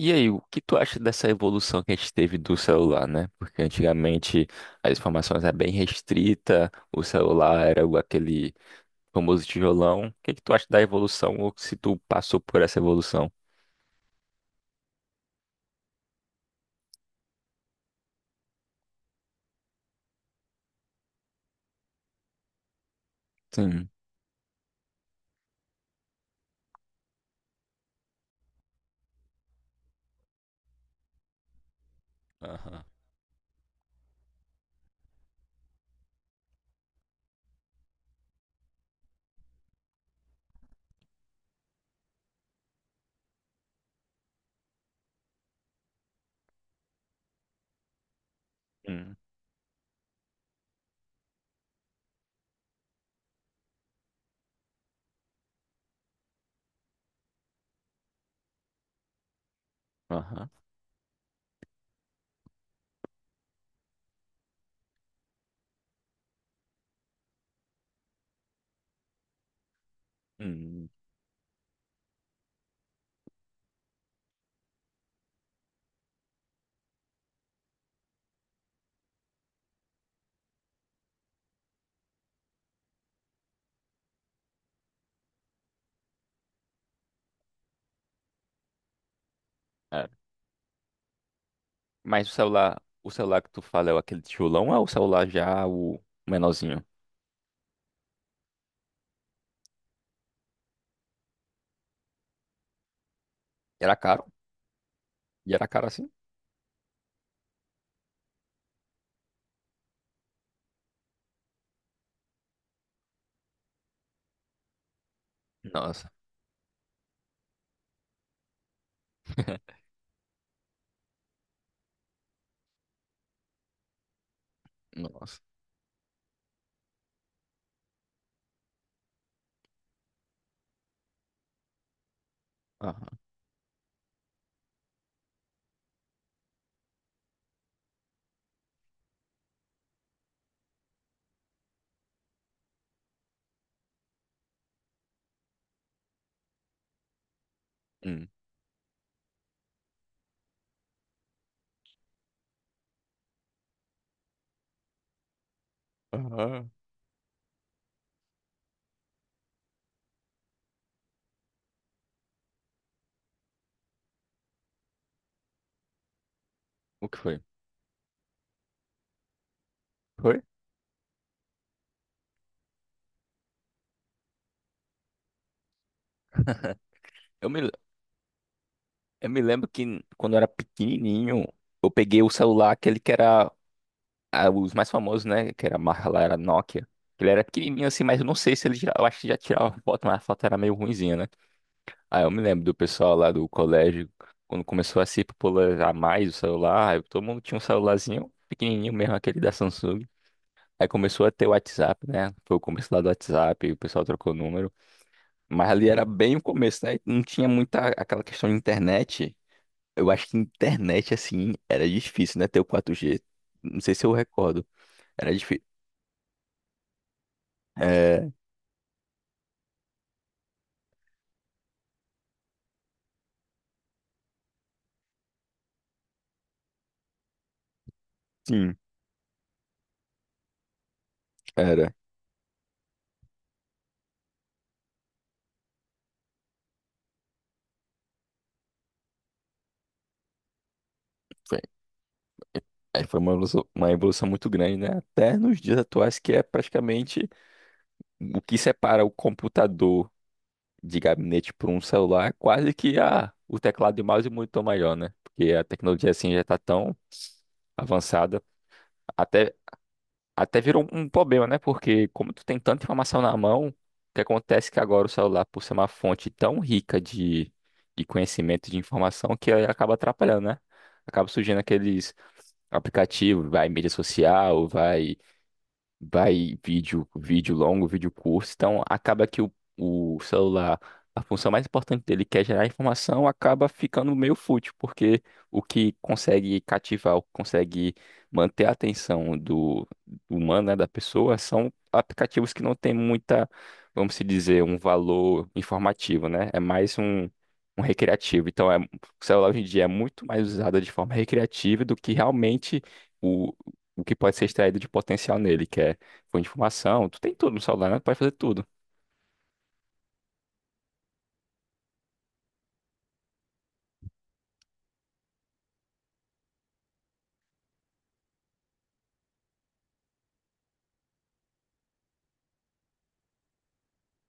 E aí, o que tu acha dessa evolução que a gente teve do celular, né? Porque antigamente as informações eram bem restrita, o celular era aquele famoso tijolão. O que que tu acha da evolução ou se tu passou por essa evolução? Sim. Aham. Hum, aham. Hum, é. Mas o celular que tu fala é o aquele tijolão ou é o celular já o menorzinho? Era caro? E era caro assim? Nossa. Nossa. Aham. Hum. Aham. O que foi? Foi? Eu me Eu me lembro que quando eu era pequenininho, eu peguei o celular, aquele que era os mais famosos, né? Que era a marca lá, era Nokia. Ele era pequenininho assim, mas eu não sei se ele já, eu acho que já tirava foto, mas a foto era meio ruinzinha, né? Aí eu me lembro do pessoal lá do colégio, quando começou a se popularizar mais o celular, aí todo mundo tinha um celularzinho pequenininho mesmo, aquele da Samsung. Aí começou a ter o WhatsApp, né? Foi o começo lá do WhatsApp, o pessoal trocou o número. Mas ali era bem o começo, né? Não tinha muita aquela questão de internet. Eu acho que internet, assim, era difícil, né? Ter o 4G. Não sei se eu recordo. Era difícil. É, sim, era. Foi, aí foi uma evolução muito grande, né? Até nos dias atuais, que é praticamente o que separa o computador de gabinete por um celular, é quase que o teclado e o mouse e o monitor maior, né? Porque a tecnologia, assim, já está tão avançada. até Até virou um problema, né? Porque como tu tem tanta informação na mão, o que acontece é que agora o celular, por ser uma fonte tão rica de conhecimento, de informação, que aí acaba atrapalhando, né? Acaba surgindo aqueles aplicativos, vai mídia social, vai vídeo, vídeo longo, vídeo curto. Então, acaba que o celular, a função mais importante dele, que é gerar informação, acaba ficando meio fútil, porque o que consegue cativar, o que consegue manter a atenção do humano, né, da pessoa, são aplicativos que não têm muita, vamos se dizer, um valor informativo, né? É mais um. Um recreativo. Então, é, o celular hoje em dia é muito mais usado de forma recreativa do que realmente o que pode ser extraído de potencial nele, que é fonte de informação, tu tem tudo no celular, né? Tu pode fazer tudo.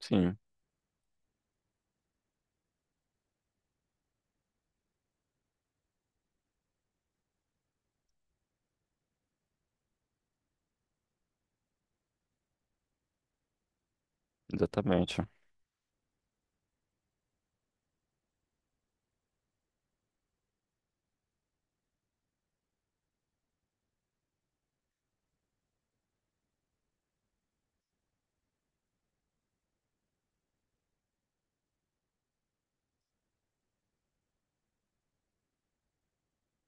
Sim, exatamente.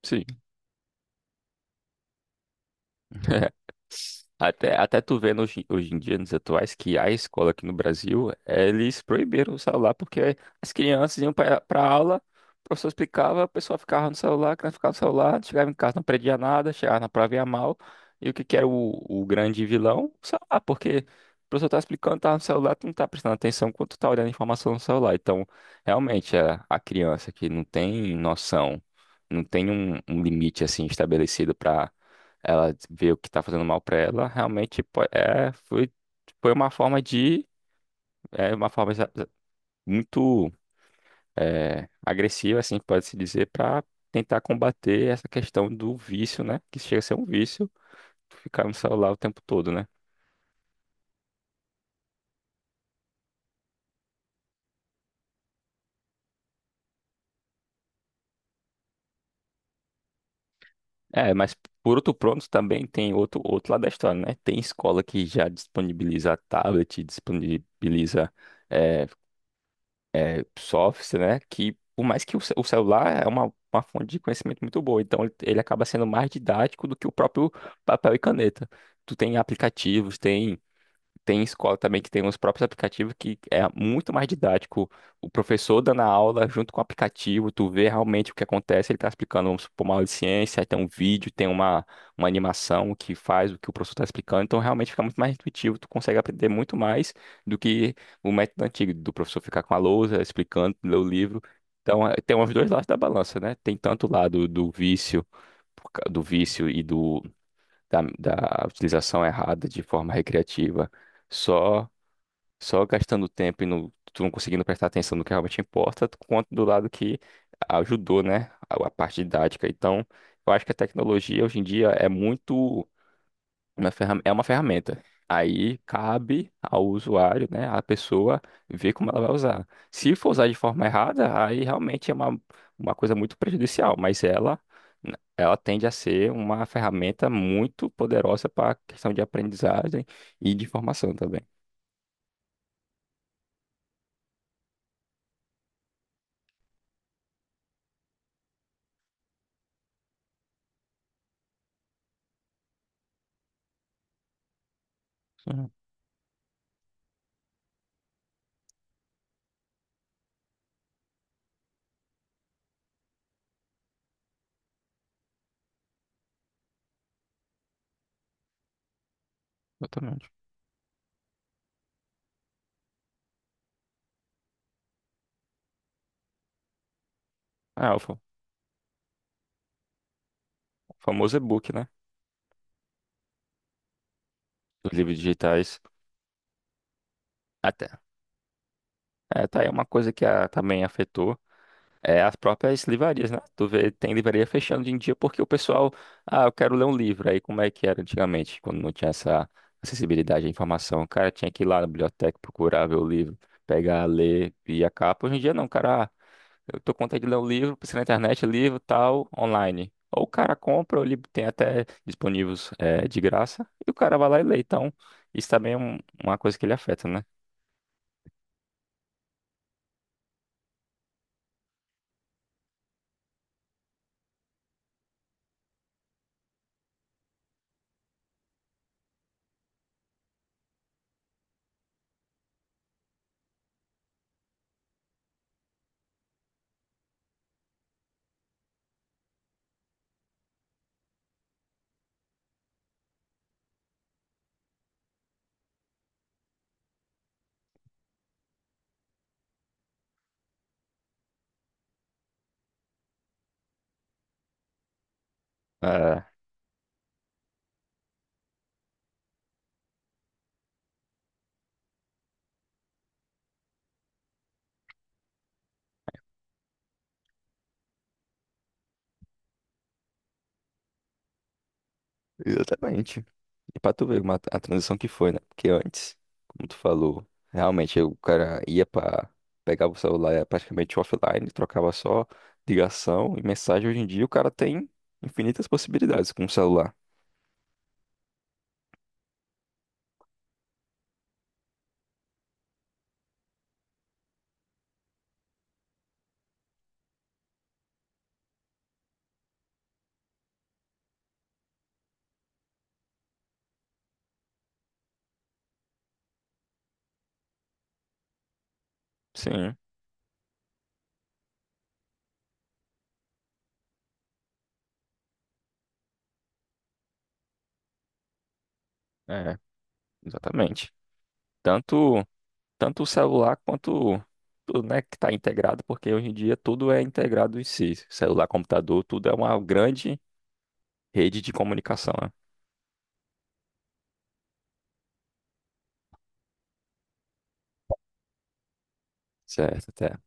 Sim. Até, até tu vê hoje, hoje em dia, nos atuais, que a escola aqui no Brasil, eles proibiram o celular, porque as crianças iam para a aula, o professor explicava, a pessoa ficava no celular, a criança ficava no celular, chegava em casa, não aprendia nada, chegava na prova ia mal. E o que que era o grande vilão? O celular, porque o professor tá explicando, tá no celular, tu não tá prestando atenção quando tu tá olhando a informação no celular. Então, realmente, a criança que não tem noção, não tem um limite, assim, estabelecido para ela vê o que tá fazendo mal pra ela, realmente é, foi, foi uma forma de, é, uma forma muito é, agressiva, assim, pode-se dizer, pra tentar combater essa questão do vício, né? Que chega a ser um vício, ficar no celular o tempo todo, né? É, mas por outro pronto também tem outro, outro lado da história, né? Tem escola que já disponibiliza tablet, disponibiliza é, é, softwares, né? Que por mais que o celular é uma fonte de conhecimento muito boa, então ele acaba sendo mais didático do que o próprio papel e caneta. Tu tem aplicativos, tem. Tem escola também que tem os próprios aplicativos que é muito mais didático. O professor dando a aula junto com o aplicativo, tu vê realmente o que acontece, ele está explicando, vamos supor, uma aula de ciência, aí tem um vídeo, tem uma animação que faz o que o professor está explicando, então realmente fica muito mais intuitivo, tu consegue aprender muito mais do que o método antigo, do professor ficar com a lousa, explicando, ler o livro. Então, eh, tem os dois lados da balança, né? Tem tanto o lado do vício, do vício e do da utilização errada de forma recreativa, só só gastando tempo e não, tu não conseguindo prestar atenção no que realmente importa, quanto do lado que ajudou, né, a parte didática. Então, eu acho que a tecnologia hoje em dia é muito é uma ferramenta. Aí cabe ao usuário, né, a pessoa ver como ela vai usar. Se for usar de forma errada, aí realmente é uma coisa muito prejudicial, mas ela né, ela tende a ser uma ferramenta muito poderosa para a questão de aprendizagem e de formação também. Sim, exatamente. Ah, o famoso e-book, né? Os livros digitais. Até. É, tá aí uma coisa que também afetou. É, as próprias livrarias, né? Tu vê, tem livraria fechando hoje em dia porque o pessoal, ah, eu quero ler um livro. Aí como é que era antigamente, quando não tinha essa acessibilidade à informação? O cara tinha que ir lá na biblioteca procurar ver o livro, pegar, ler e a capa. Hoje em dia não, o cara, ah, eu tô com vontade de ler um livro, precisa na internet, livro, tal, online. Ou o cara compra, ou ele tem até disponíveis de graça, e o cara vai lá e lê. Então, isso também é uma coisa que ele afeta, né? É. Exatamente. E pra tu ver uma, a transição que foi, né? Porque antes, como tu falou, realmente o cara ia pra. Pegava o celular, era praticamente offline, trocava só ligação e mensagem. Hoje em dia o cara tem infinitas possibilidades com o celular. Sim, é, exatamente. Tanto, tanto o celular quanto tudo, né, que está integrado, porque hoje em dia tudo é integrado em si. Celular, computador, tudo é uma grande rede de comunicação, né? Certo, até